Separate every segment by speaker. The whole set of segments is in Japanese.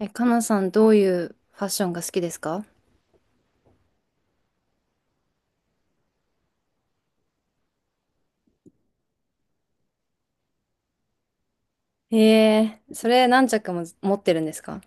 Speaker 1: え、かなさん、どういうファッションが好きですか？ええー、それ何着も持ってるんですか？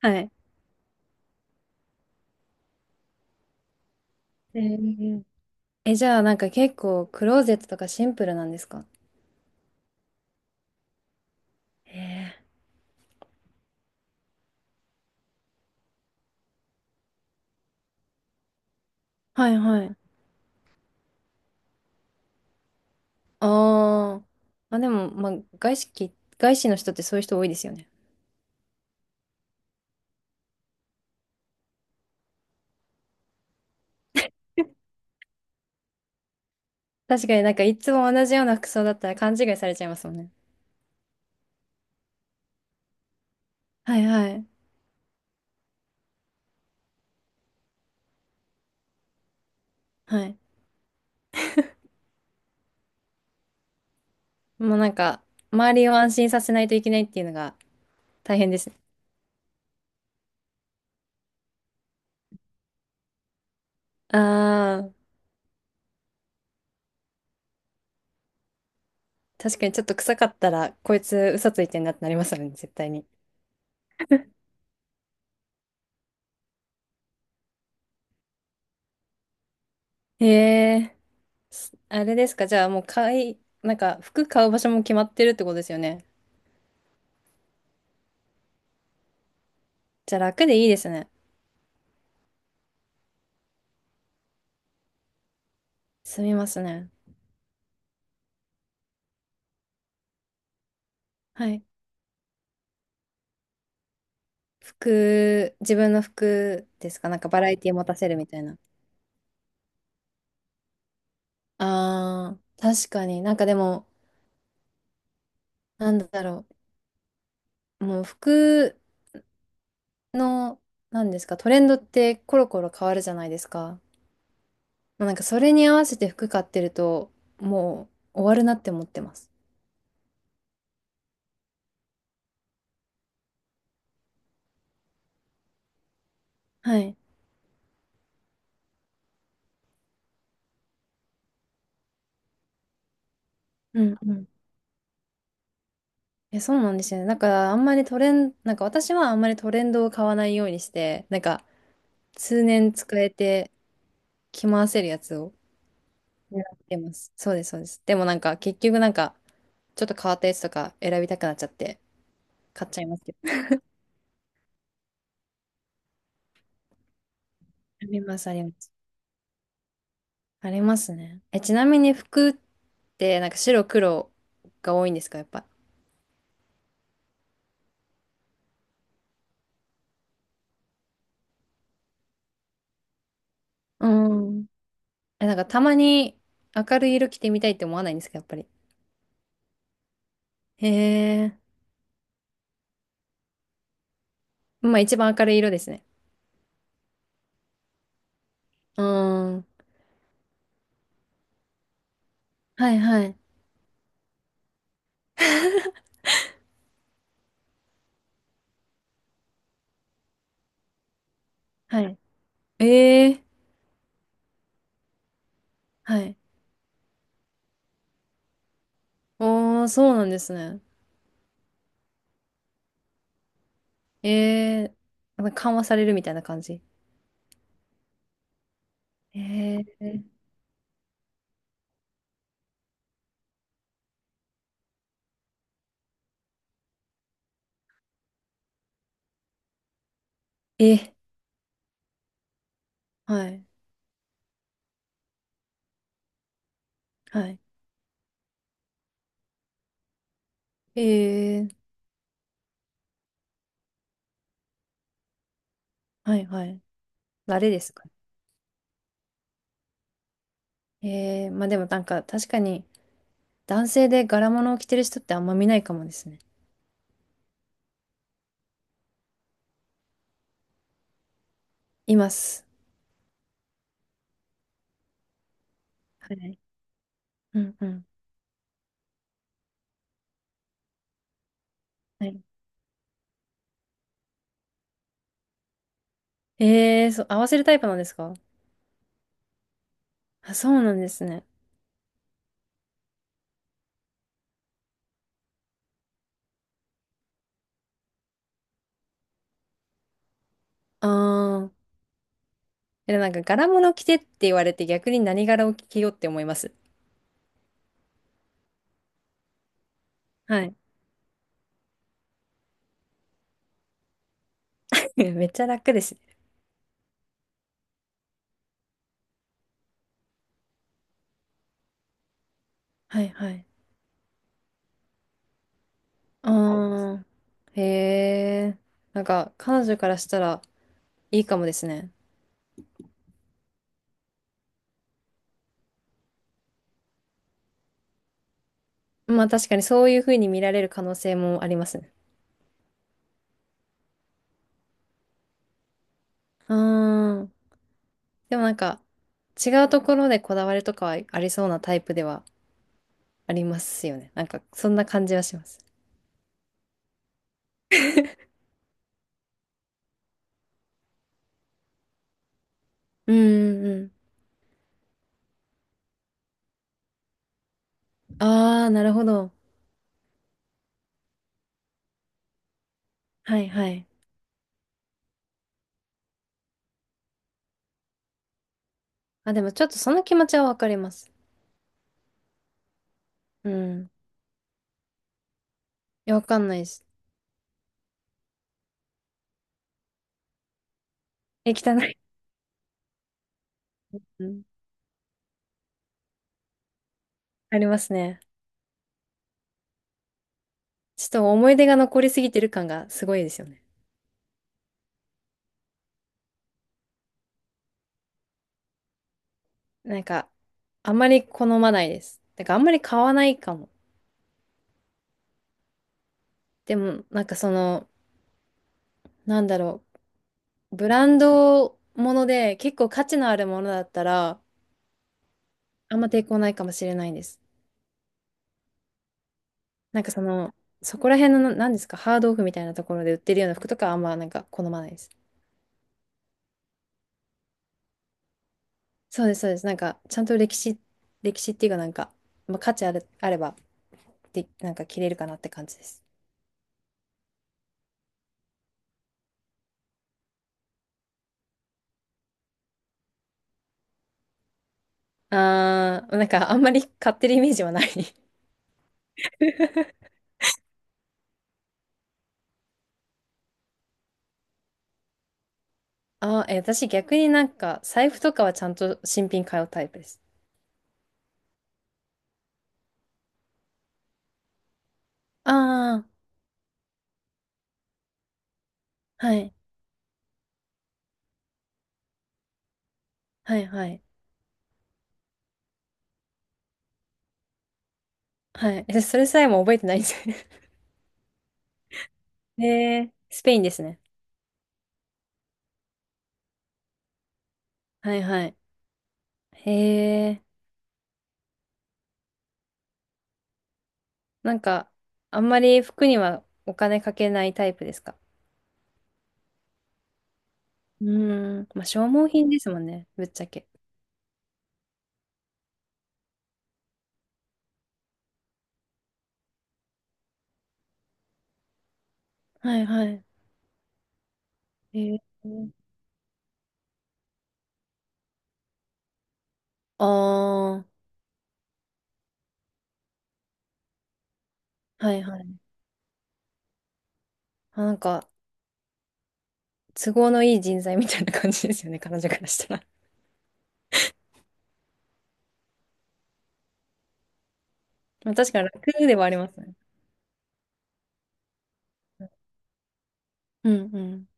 Speaker 1: はい。えー、え、じゃあなんか結構クローゼットとかシンプルなんですか？ええー、はいはい。あーあ、でも、まあ、外資き、外資の人ってそういう人多いですよね。確かになんかいつも同じような服装だったら勘違いされちゃいますもんね。はいはい。はい。もうなんか、周りを安心させないといけないっていうのが大変ですね。ああ、確かにちょっと臭かったら、こいつ嘘ついてんなってなりますよね、絶対に。へえ、あれですか、じゃあもうなんか服買う場所も決まってるってことですよね。じゃあ楽でいいですね。済みますね。はい。服、自分の服ですか、なんかバラエティ持たせるみたいな。あー、確かになんかでも、なんだろう、もう服の、なんですか、トレンドってコロコロ変わるじゃないですか。もうなんかそれに合わせて服買ってると、もう終わるなって思ってます。はい。うんうん。え、そうなんですよね。だからあんまりトレン、なんか私はあんまりトレンドを買わないようにして、なんか通年使えて着回せるやつを選んでます。そうです、そうです。でもなんか結局なんかちょっと変わったやつとか選びたくなっちゃって買っちゃいますけど。あります、あります。ありますね。え、ちなみに服ってなんか白黒が多いんですか、やっぱ？うん。え、なんかたまに明るい色着てみたいって思わないんですか、やっぱり？へえ。まあ一番明るい色ですね。うーん。はいはい。はい。ええ。はい。おー、そうなんですね。ええ。なんか緩和されるみたいな感じ。ええ。え、はい。はい。ええ。はいはい。誰ですか？ええ。まあでもなんか確かに男性で柄物を着てる人ってあんま見ないかもですね。います。はい。うんうん。はい。ええ、そう、合わせるタイプなんですか？あ、そうなんですね。ああ。え、なんか柄物着てって言われて逆に何柄を着ようって思います？はい。めっちゃ楽ですね。はいはい。ああ。へえ。なんか彼女からしたらいいかもですね。まあ確かにそういう風に見られる可能性もありますね。ああ。でもなんか違うところでこだわりとかはありそうなタイプではありますよね。なんかそんな感じはします。うんうんうん。ああ、なるほど。はいはい。あ、でもちょっとその気持ちはわかります。うん。いや、わかんないです。え、汚い。うん。ありますね。ちょっと思い出が残りすぎてる感がすごいですよね。なんか、あんまり好まないです。だからあんまり買わないかも。でも、なんかその、なんだろう。ブランドもので結構価値のあるものだったら、あんま抵抗ないかもしれないです。なんかその、そこら辺のなんですか、ハードオフみたいなところで売ってるような服とかはあんまなんか好まないです。そうです、そうです。なんか、ちゃんと歴史、歴史っていうかなんか、まあ、価値ある、あれば、で、なんか着れるかなって感じです。あー、なんかあんまり買ってるイメージはない あー、え、私逆になんか、財布とかはちゃんと新品買うタイプです。あー、はい、はい、はい、はい。え、それさえも覚えてないんですよねへ ー、スペインですね。はい、はい。へえ、なんか、あんまり服にはお金かけないタイプですか？うーん、まあ、消耗品ですもんね、ぶっちゃけ。はいはい。へえ。ああ。はいはい。あ、なんか、都合のいい人材みたいな感じですよね、彼女からしたら。まあ、確かに楽ではありますね。うんうん。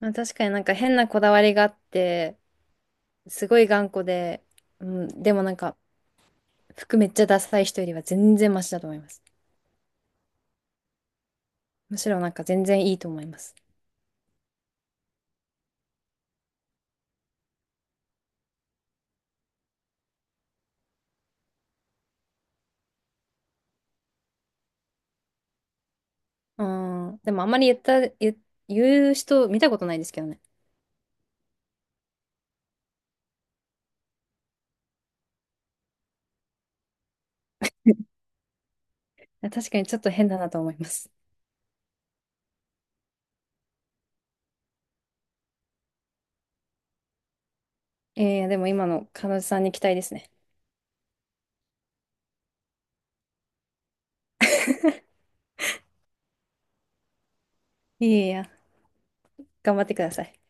Speaker 1: まあ、確かになんか変なこだわりがあって、すごい頑固で、うん、でもなんか、服めっちゃダサい人よりは全然マシだと思います。むしろなんか全然いいと思います。うん、でもあんまり言う人見たことないですけどね。確かにちょっと変だなと思います。でも今の彼女さんに期待ですね。いやいや、頑張ってください。